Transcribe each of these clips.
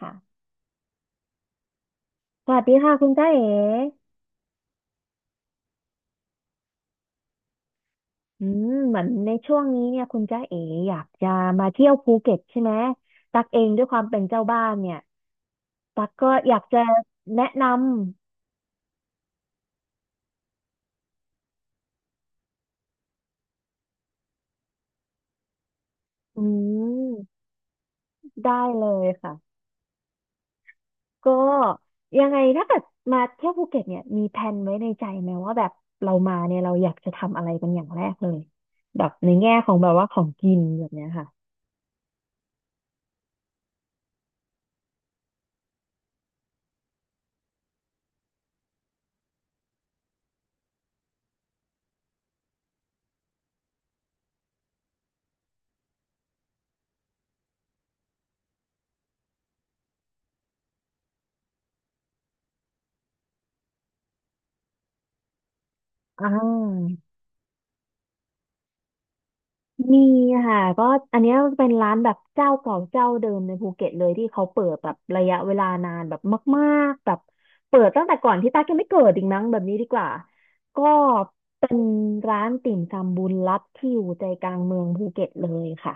ค่ะสวัสดีค่ะคุณจ้าเอ๋เหมือนในช่วงนี้เนี่ยคุณจ้าเอ๋อยากจะมาเที่ยวภูเก็ตใช่ไหมตักเองด้วยความเป็นเจ้าบ้านเนี่ยตักก็อยากจะแนะนำมได้เลยค่ะก็ยังไงถ้าเกิดมาเที่ยวภูเก็ตเนี่ยมีแผนไว้ในใจไหมว่าแบบเรามาเนี่ยเราอยากจะทำอะไรเป็นอย่างแรกเลยแบบในแง่ของแบบว่าของกินแบบเนี้ยค่ะอ่า มีค่ะก็อันเนี้ยเป็นร้านแบบเจ้าเก่าเจ้าเดิมในภูเก็ตเลยที่เขาเปิดแบบระยะเวลานานแบบมากๆแบบเปิดตั้งแต่ก่อนที่ตากยังไม่เกิดอีกมั้งแบบนี้ดีกว่าก็เป็นร้านติ่มซำบุญลับที่อยู่ใจกลางเมืองภูเก็ตเลยค่ะ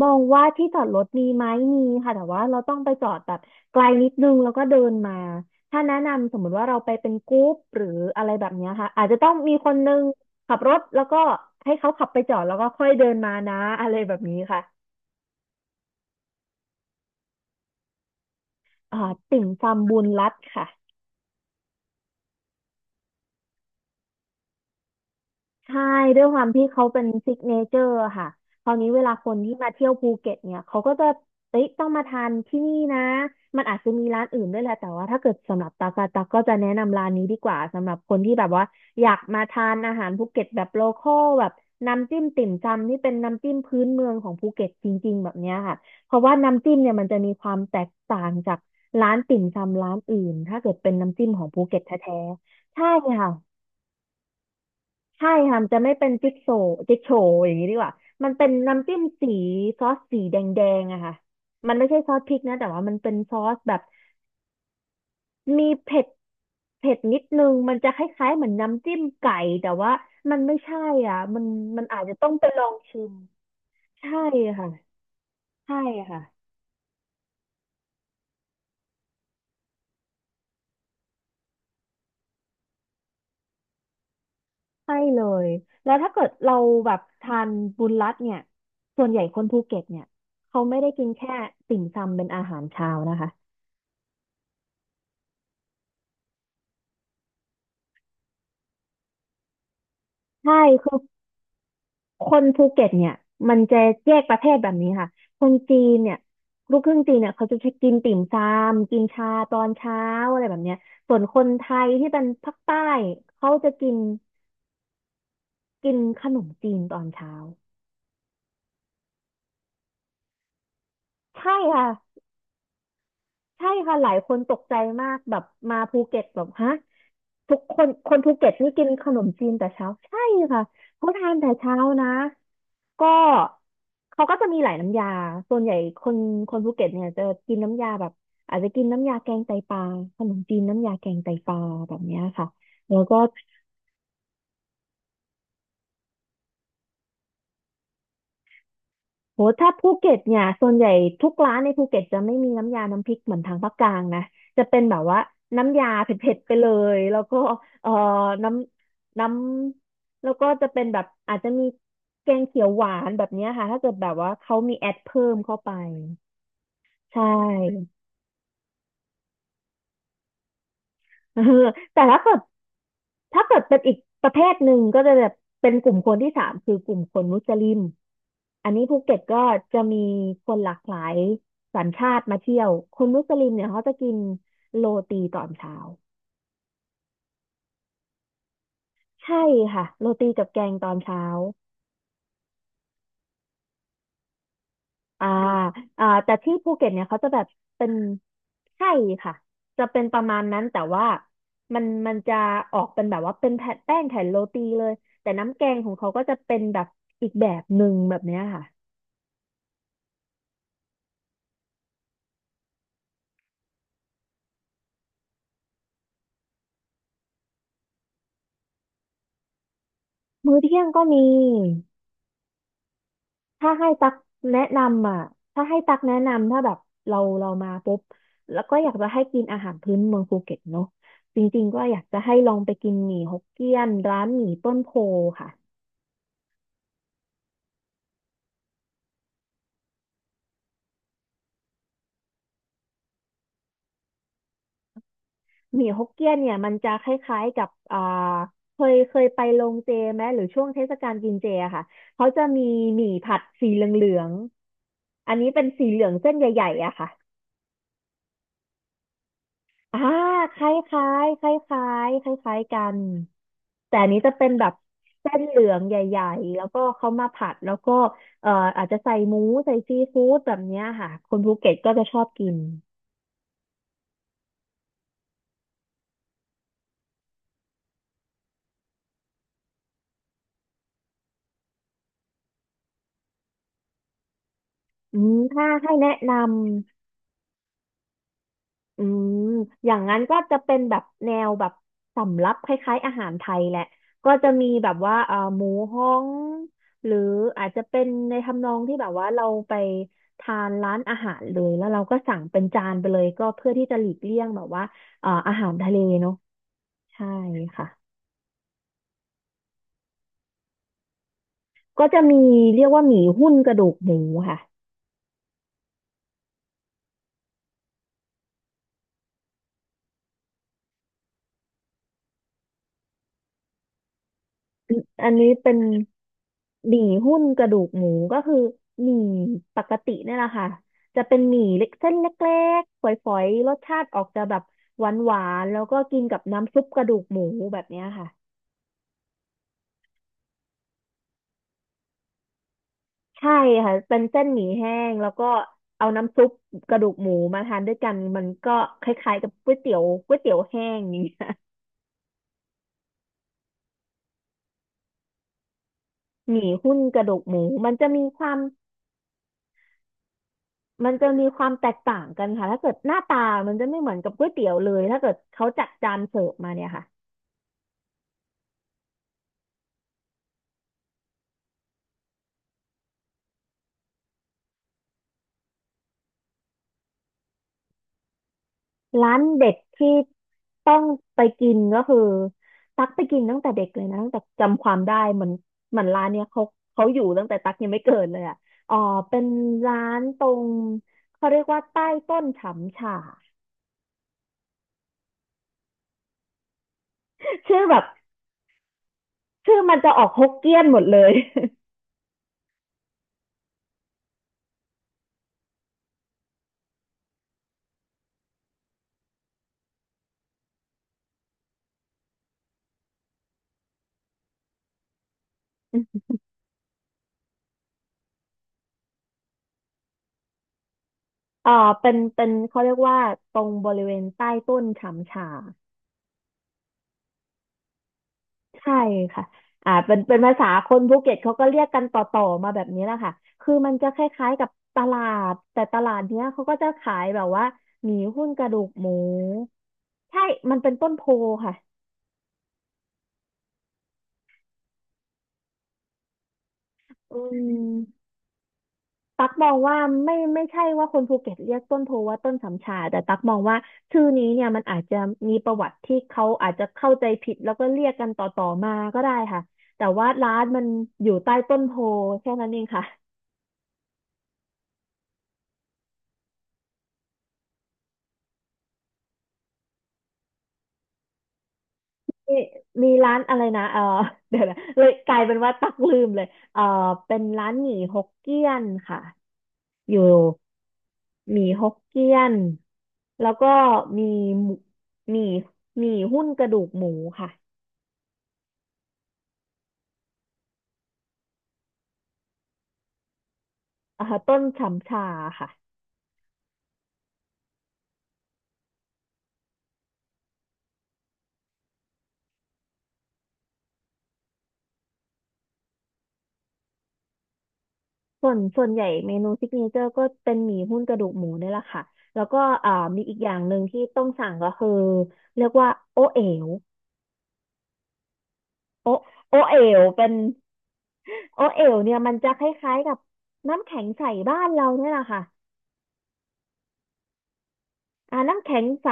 มองว่าที่จอดรถมีไหมมีค่ะแต่ว่าเราต้องไปจอดแบบไกลนิดนึงแล้วก็เดินมาถ้าแนะนำสมมติว่าเราไปเป็นกรุ๊ปหรืออะไรแบบเนี้ยค่ะอาจจะต้องมีคนนึงขับรถแล้วก็ให้เขาขับไปจอดแล้วก็ค่อยเดินมานะอะไรแบบนี้ค่ะอ่าติ่มซำบุญรัตน์ค่ะ ใช่ด้วยความที่เขาเป็นซิกเนเจอร์ค่ะคราวนี้เวลาคนที่มาเที่ยวภูเก็ตเนี่ยเขาก็จะเอ้ยต้องมาทานที่นี่นะมันอาจจะมีร้านอื่นด้วยแหละแต่ว่าถ้าเกิดสำหรับตากาตาก็จะแนะนำร้านนี้ดีกว่าสำหรับคนที่แบบว่าอยากมาทานอาหารภูเก็ตแบบโลคอลแบบน้ำจิ้มติ่มซำนี่เป็นน้ำจิ้มพื้นเมืองของภูเก็ตจริงๆแบบเนี้ยค่ะเพราะว่าน้ำจิ้มเนี่ยมันจะมีความแตกต่างจากร้านติ่มซำร้านอื่นถ้าเกิดเป็นน้ำจิ้มของภูเก็ตแท้ๆใช่ค่ะ ใช่ค่ะมันจะไม่เป็นจิ๊กโซจิ๊กโชว์อย่างนี้ดีกว่ามันเป็นน้ำจิ้มสีซอสสีแดงๆอะค่ะมันไม่ใช่ซอสพริกนะแต่ว่ามันเป็นซอสแบบมีเผ็ดเผ็ดนิดนึงมันจะคล้ายๆเหมือนน้ำจิ้มไก่แต่ว่ามันไม่ใช่อ่ะมันมันอาจจะต้องไปลองชิมใช่ค่ะใช่ค่ะใช่เลยแล้วถ้าเกิดเราแบบทานบุญรัตน์เนี่ยส่วนใหญ่คนภูเก็ตเนี่ยเขาไม่ได้กินแค่ติ่มซำเป็นอาหารเช้านะคะใช่คือ คนภูเก็ตเนี่ยมันจะแยกประเภทแบบนี้ค่ะคนจีนเนี่ยลูกครึ่งจีนเนี่ยเขาจะกินติ่มซำกินชาตอนเช้าอะไรแบบเนี้ยส่วนคนไทยที่เป็นภาคใต้เขาจะกินกินขนมจีนตอนเช้าใช่ค่ะใช่ค่ะหลายคนตกใจมากแบบมาภูเก็ตแบบฮะทุกคนคนภูเก็ตนี่กินขนมจีนแต่เช้าใช่ค่ะเขาทานแต่เช้านะ ก็เขาก็จะมีหลายน้ำยาส่วนใหญ่คนภูเก็ตเนี่ยจะกินน้ำยาแบบอาจจะกินน้ำยาแกงไตปลาขนมจีนน้ำยาแกงไตปลาแบบเนี้ยค่ะแล้วก็โหถ้าภูเก็ตเนี่ยส่วนใหญ่ทุกร้านในภูเก็ตจะไม่มีน้ำยาน้ำพริกเหมือนทางภาคกลางนะจะเป็นแบบว่าน้ำยาเผ็ดๆไปเลยแล้วก็เอ่อน้น้ำแล้วก็จะเป็นแบบอาจจะมีแกงเขียวหวานแบบเนี้ยค่ะถ้าเกิดแบบว่าเขามีแอดเพิ่มเข้าไปใช่ เออแต่ถ้าเกิดเป็นอีกประเภทหนึ่งก็จะแบบเป็นกลุ่มคนที่สามคือกลุ่มคนมุสลิมอันนี้ภูเก็ตก็จะมีคนหลากหลายสัญชาติมาเที่ยวคนมุสลิมเนี่ยเขาจะกินโรตีตอนเช้าใช่ค่ะโรตีกับแกงตอนเช้า อ่าอ่าแต่ที่ภูเก็ตเนี่ยเขาจะแบบเป็นใช่ค่ะจะเป็นประมาณนั้นแต่ว่ามันมันจะออกเป็นแบบว่าเป็นแผ่นแป้งแผ่นโรตีเลยแต่น้ำแกงของเขาก็จะเป็นแบบอีกแบบหนึ่งแบบเนี้ยค่ะมื้อเที่ยงก็มีถ้าให้ตักแนะนำอ่ะถ้าให้ตักแนะนำถ้าแบบเรามาปุ๊บแล้วก็อยากจะให้กินอาหารพื้นเมืองภูเก็ตเนาะจริงๆก็อยากจะให้ลองไปกินหมี่ฮกเกี้ยนร้านหมี่ต้นโพค่ะ หมี่ฮกเกี้ยนเนี่ยมันจะคล้ายๆกับอ่าเคยไปโรงเจไหมหรือช่วงเทศกาลกินเจอะค่ะเขาจะมีหมี่ผัดสีเหลืองๆอันนี้เป็นสีเหลืองเส้นใหญ่ๆอะค่ะอ่าคล้ายๆคล้ายๆคล้ายคล้ายๆกันแต่อันนี้จะเป็นแบบเส้นเหลืองใหญ่ๆแล้วก็เขามาผัดแล้วก็เอ่ออาจจะใส่หมูใส่ซีฟู้ดแบบเนี้ยค่ะคนภูเก็ตก็จะชอบกินอืมถ้าให้แนะนำ อืมอย่างนั้นก็จะเป็นแบบแนวแบบสำรับคล้ายๆอาหารไทยแหละก็จะมีแบบว่าหมูฮ้อง หรืออาจจะเป็นในทำนองที่แบบว่าเราไปทานร้านอาหารเลยแล้วเราก็สั่งเป็นจานไปเลยก็เพื่อที่จะหลีกเลี่ยงแบบว่าอาหารทะเลเนาะใช่ค่ะก็จะมีเรียกว่าหมี่หุ้นกระดูกหมูค่ะ อันนี้เป็น หมี่หุ้นกระดูกหมูก็คือหมี่ปกติเนี่ยแหละค่ะจะเป็นหมี่เล็กเส้นเล็กๆฝอยๆรสชาติออกจะแบบหวานๆแล้วก็กินกับน้ำซุปกระดูกหมูแบบเนี้ยค่ะใช่ค่ะเป็นเส้นหมี่แห้งแล้วก็เอาน้ำซุปกระดูกหมูมาทานด้วยกันมันก็คล้ายๆกับก๋วยเตี๋ยวก๋วยเตี๋ยวแห้งอย่างเงี้ย หมี่หุ้นกระดูกหมูมันจะมีความมันจะมีความแตกต่างกันค่ะถ้าเกิดหน้าตามันจะไม่เหมือนกับก๋วยเตี๋ยวเลยถ้าเกิดเขาจัดจานเสิร์ฟมาเนี่ยค่ะ ร้านเด็ดที่ต้องไปกินก็คือตักไปกินตั้งแต่เด็กเลยนะตั้งแต่จำความได้เหมือนเหมือนร้านเนี้ยเขาอยู่ตั้งแต่ตักยังไม่เกิดเลยอ่ะอ๋อเป็นร้านตรงเขาเรียกว่าใต้ต้นฉำฉ่า ชื่อแบบชื่อมันจะออกฮกเกี้ยนหมดเลย เออเป็นเขาเรียกว่าตรงบริเวณใต้ต้นฉำฉา ใช่ค่ะอ่าเป็นภาษาคนภูเก็ตเขาก็เรียกกันต่อๆมาแบบนี้แหละค่ะคือมันจะคล้ายๆกับตลาดแต่ตลาดเนี้ยเขาก็จะขายแบบว่าหมีหุ้นกระดูกหมูใช่มันเป็นต้นโพค่ะอืมตักมองว่าไม่ใช่ว่าคนภูเก็ตเรียกต้นโพว่าต้นสำชาแต่ตักมองว่าชื่อนี้เนี่ยมันอาจจะมีประวัติที่เขาอาจจะเข้าใจผิดแล้วก็เรียกกันต่อๆมาก็ได้ค่ะแต่ว่าร้านมันอยู่ใต้ต้นโพแค่นั้นเองค่ะ มีมีร้านอะไรนะเออ เดี๋ยวนะเลยกลายเป็นว่าตักลืมเลยเออเป็นร้านหมี่ฮกเกี้ยนค่ะอยู่หมี่ฮกเกี้ยน แล้วก็มีหมูหมี่หมี่หุ้นกระดูกหมูค่ะอ่าต้นฉ่ำชาค่ะส่วนใหญ่เมนูซิกเนเจอร์ก็เป็นหมี่หุ้นกระดูกหมูนี่แหละค่ะแล้วก็อ่ามีอีกอย่างหนึ่งที่ต้องสั่งก็คือเรียกว่าโอเอ๋วโอเอ๋วเป็น โอเอ๋วเนี่ยมันจะคล้ายๆกับน้ำแข็งใสบ้านเราเนี่ยแหละค่ะอ่าน้ำแข็งใส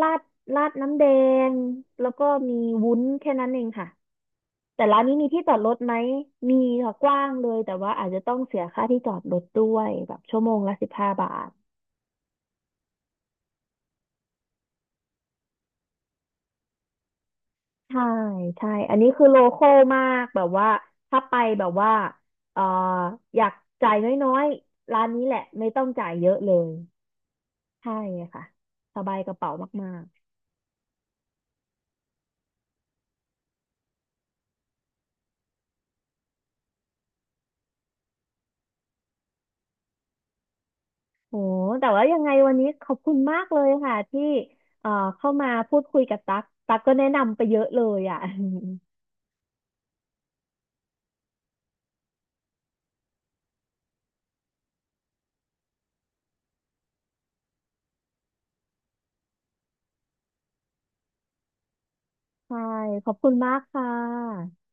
ราดราดน้ำแดงแล้วก็มีวุ้นแค่นั้นเองค่ะแต่ร้านนี้มีที่จอดรถไหมมีค่ะกว้างเลยแต่ว่าอาจจะต้องเสียค่าที่จอดรถด้วยแบบชั่วโมงละ15 บาทใช่ใช่อันนี้คือโลคอลมากแบบว่าถ้าไปแบบว่าเอ่ออยากจ่ายน้อยๆร้านนี้แหละไม่ต้องจ่ายเยอะเลยใช่ค่ะสบายกระเป๋ามาก โหแต่ว่ายังไงวันนี้ขอบคุณมากเลยค่ะที่เอ่อเข้ามาพูดคุยกับตั๊กตั๊กก็แนะนำไปเยอะเลยอ่ะ ใช่ขอบคุณมากค่ะ